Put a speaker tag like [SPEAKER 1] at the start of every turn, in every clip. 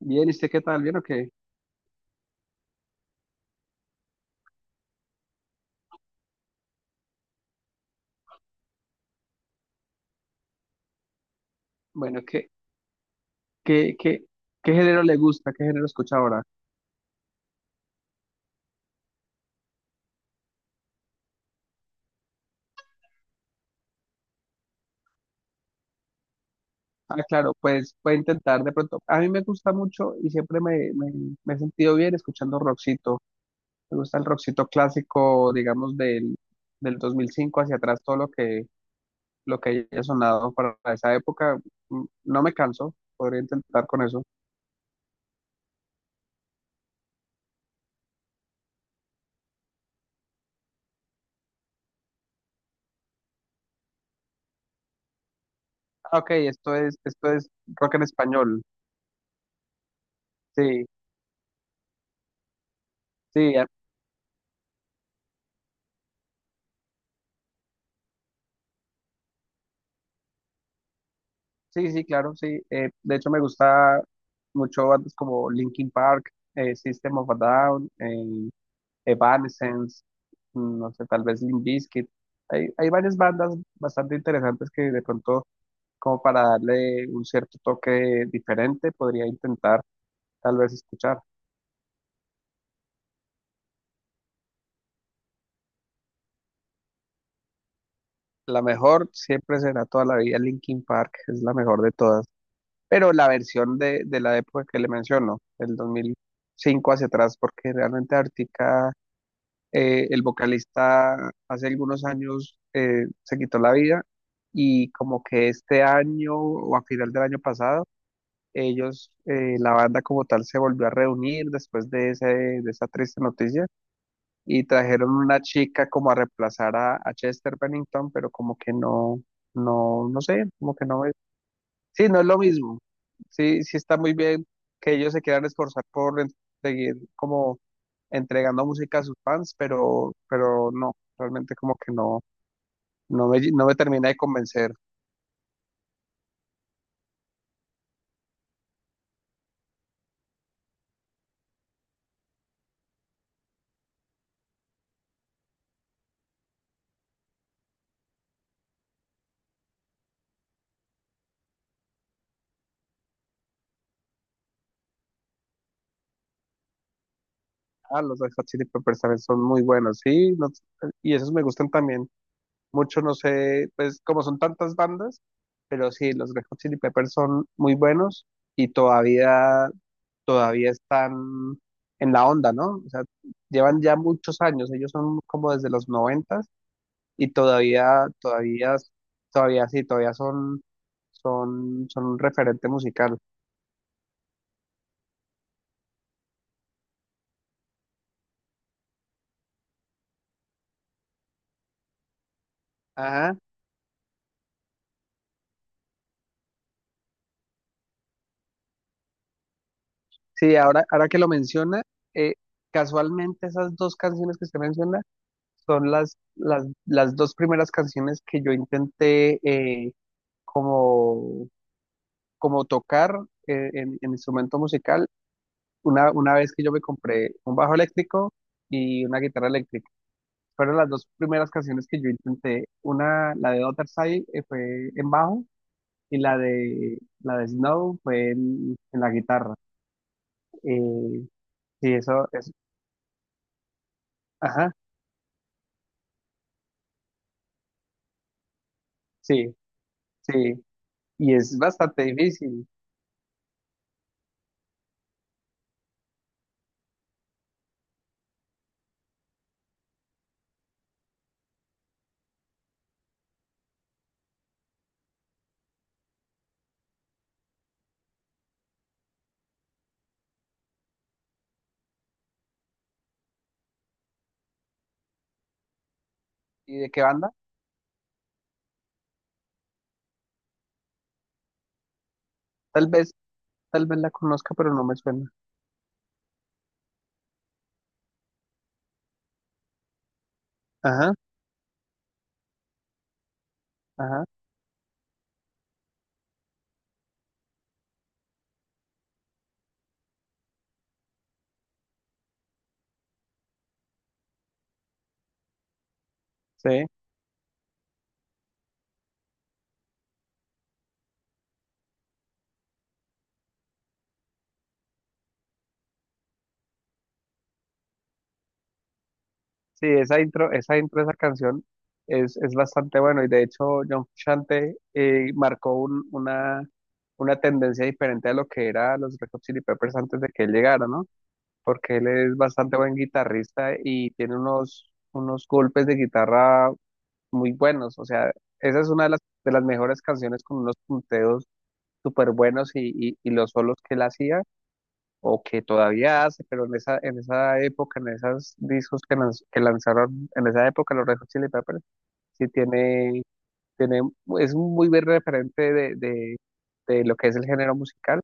[SPEAKER 1] Bien, ¿y usted qué tal? ¿Bien o qué? Bueno, qué, qué, ¿qué género le gusta? ¿Qué género escucha ahora? Ah, claro, pues puede intentar de pronto. A mí me gusta mucho y siempre me he sentido bien escuchando rockcito. Me gusta el rockcito clásico, digamos, del 2005 hacia atrás, todo lo que haya sonado para esa época. No me canso, podría intentar con eso. Ah, ok, esto es rock en español. Sí, sí, sí, sí, claro, sí. De hecho, me gusta mucho bandas como Linkin Park, System of a Down, Evanescence, no sé, tal vez Limp Bizkit. Hay varias bandas bastante interesantes que de pronto, como para darle un cierto toque diferente, podría intentar tal vez escuchar. La mejor siempre será toda la vida Linkin Park, es la mejor de todas. Pero la versión de la época que le menciono, del 2005 hacia atrás, porque realmente Arctica. El vocalista hace algunos años se quitó la vida y como que este año o a final del año pasado, ellos, la banda como tal, se volvió a reunir después de, ese, de esa triste noticia y trajeron una chica como a reemplazar a Chester Bennington, pero como que no, no, no sé, como que no, sí, no es lo mismo. Sí, sí está muy bien que ellos se quieran esforzar por en- seguir como entregando música a sus fans, pero no, realmente como que no, no me termina de convencer. Ah, los Red Hot Chili Peppers también son muy buenos, sí, no- y esos me gustan también mucho, no sé, pues como son tantas bandas, pero sí, los Red Hot Chili Peppers son muy buenos y todavía están en la onda, ¿no? O sea, llevan ya muchos años, ellos son como desde los noventas y todavía sí, son un referente musical. Ajá, sí, ahora que lo menciona, eh, casualmente esas dos canciones que usted menciona son las dos primeras canciones que yo intenté, como, como tocar, en instrumento musical. Una vez que yo me compré un bajo eléctrico y una guitarra eléctrica. Fueron las dos primeras canciones que yo intenté. Una, la de Other Side, fue en bajo y la de Snow fue en la guitarra. Eh, sí, eso es. Ajá, sí, sí. Y es bastante difícil. ¿Y de qué banda? Tal vez, tal vez la conozca, pero no me suena. Ajá, ajá, sí. Sí, esa intro de esa canción es bastante bueno y de hecho John Frusciante marcó un- una tendencia diferente a lo que era los Red Hot Chili Peppers antes de que él llegara, ¿no? Porque él es bastante buen guitarrista y tiene unos golpes de guitarra muy buenos, o sea, esa es una de de las mejores canciones con unos punteos súper buenos y, y los solos que él hacía o que todavía hace, pero en esa época, en esos discos que, lanz- que lanzaron, en esa época los Red Hot Chili Peppers, sí tiene, tiene, es un muy buen referente de lo que es el género musical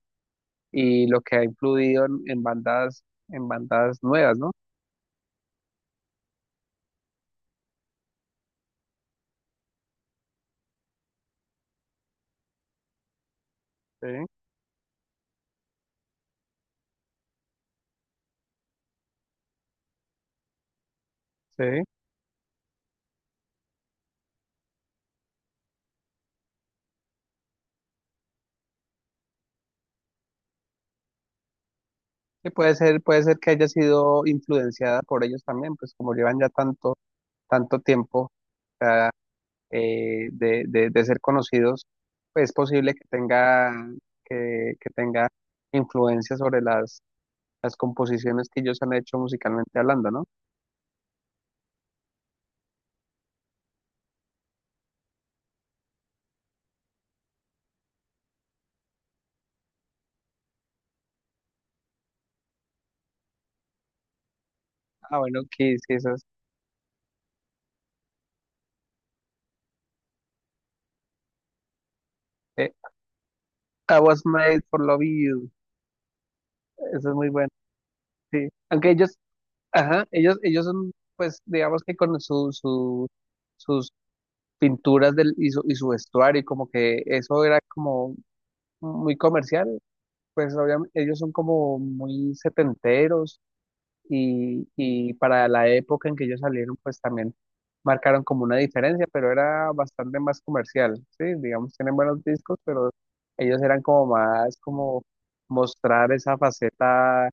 [SPEAKER 1] y lo que ha influido en bandas nuevas, ¿no? Sí, sí. Sí, puede ser que haya sido influenciada por ellos también, pues como llevan ya tanto, tanto tiempo, o sea, de ser conocidos, pues es posible que tenga, que tenga influencia sobre las composiciones que ellos han hecho musicalmente hablando, ¿no? Ah, bueno, Kiss, sí, esas. eh, I was made for love you. Eso es muy bueno, sí. Aunque ellos, ajá, ellos son, pues, digamos que con sus pinturas del, y su vestuario, como que eso era como muy comercial. Pues obviamente ellos son como muy setenteros, y para la época en que ellos salieron, pues también marcaron como una diferencia, pero era bastante más comercial, ¿sí? Digamos, tienen buenos discos, pero ellos eran como más como mostrar esa faceta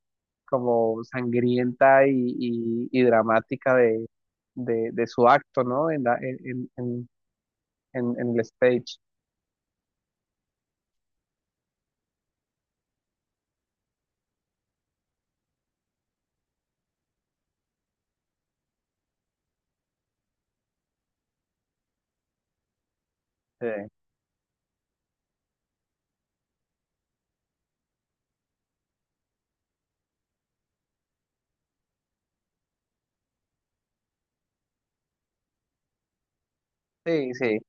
[SPEAKER 1] como sangrienta y dramática de su acto, ¿no? En la, en, en, en el stage. Sí, sí, sí,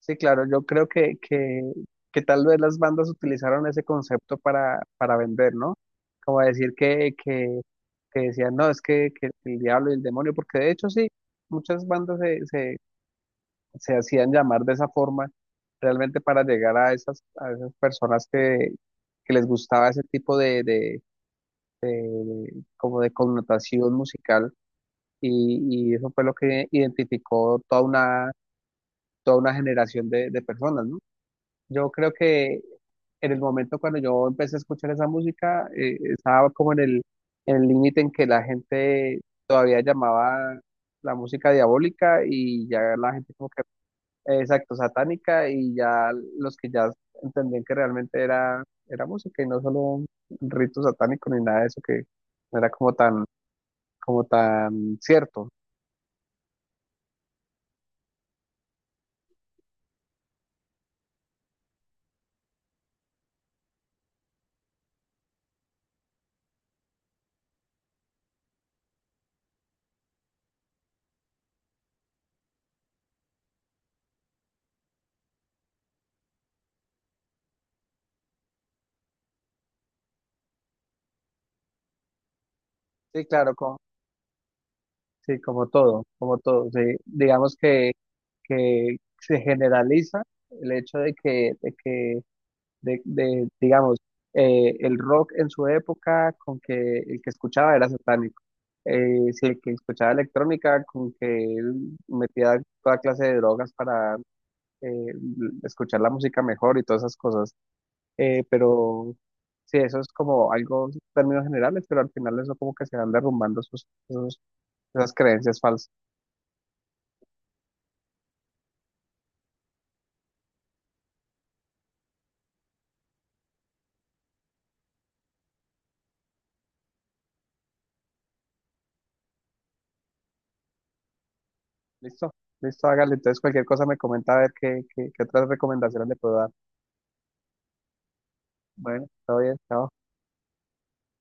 [SPEAKER 1] sí, claro, yo creo que tal vez las bandas utilizaron ese concepto para vender, ¿no? Como decir que decían, no, es que el diablo y el demonio, porque de hecho sí, muchas bandas se hacían llamar de esa forma, realmente para llegar a esas personas que les gustaba ese tipo de- como de connotación musical, y eso fue lo que identificó toda una generación de personas, ¿no? Yo creo que en el momento cuando yo empecé a escuchar esa música, estaba como en el límite en que la gente todavía llamaba la música diabólica y ya la gente como que, exacto, satánica y ya los que ya entendían que realmente era, era música y no solo un rito satánico ni nada de eso que no era como tan cierto. Sí, claro, como, sí, como todo, como todo. Sí, digamos que se generaliza el hecho de que digamos, el rock en su época con que el que escuchaba era satánico. Si el que escuchaba electrónica con que él metía toda clase de drogas para eh, escuchar la música mejor y todas esas cosas. Pero sí, eso es como algo, términos generales, pero al final eso como que se van derrumbando esas creencias falsas. Listo, listo, hágale. Entonces, cualquier cosa me comenta a ver qué otras recomendaciones le puedo dar. Bueno, todo bien, chao.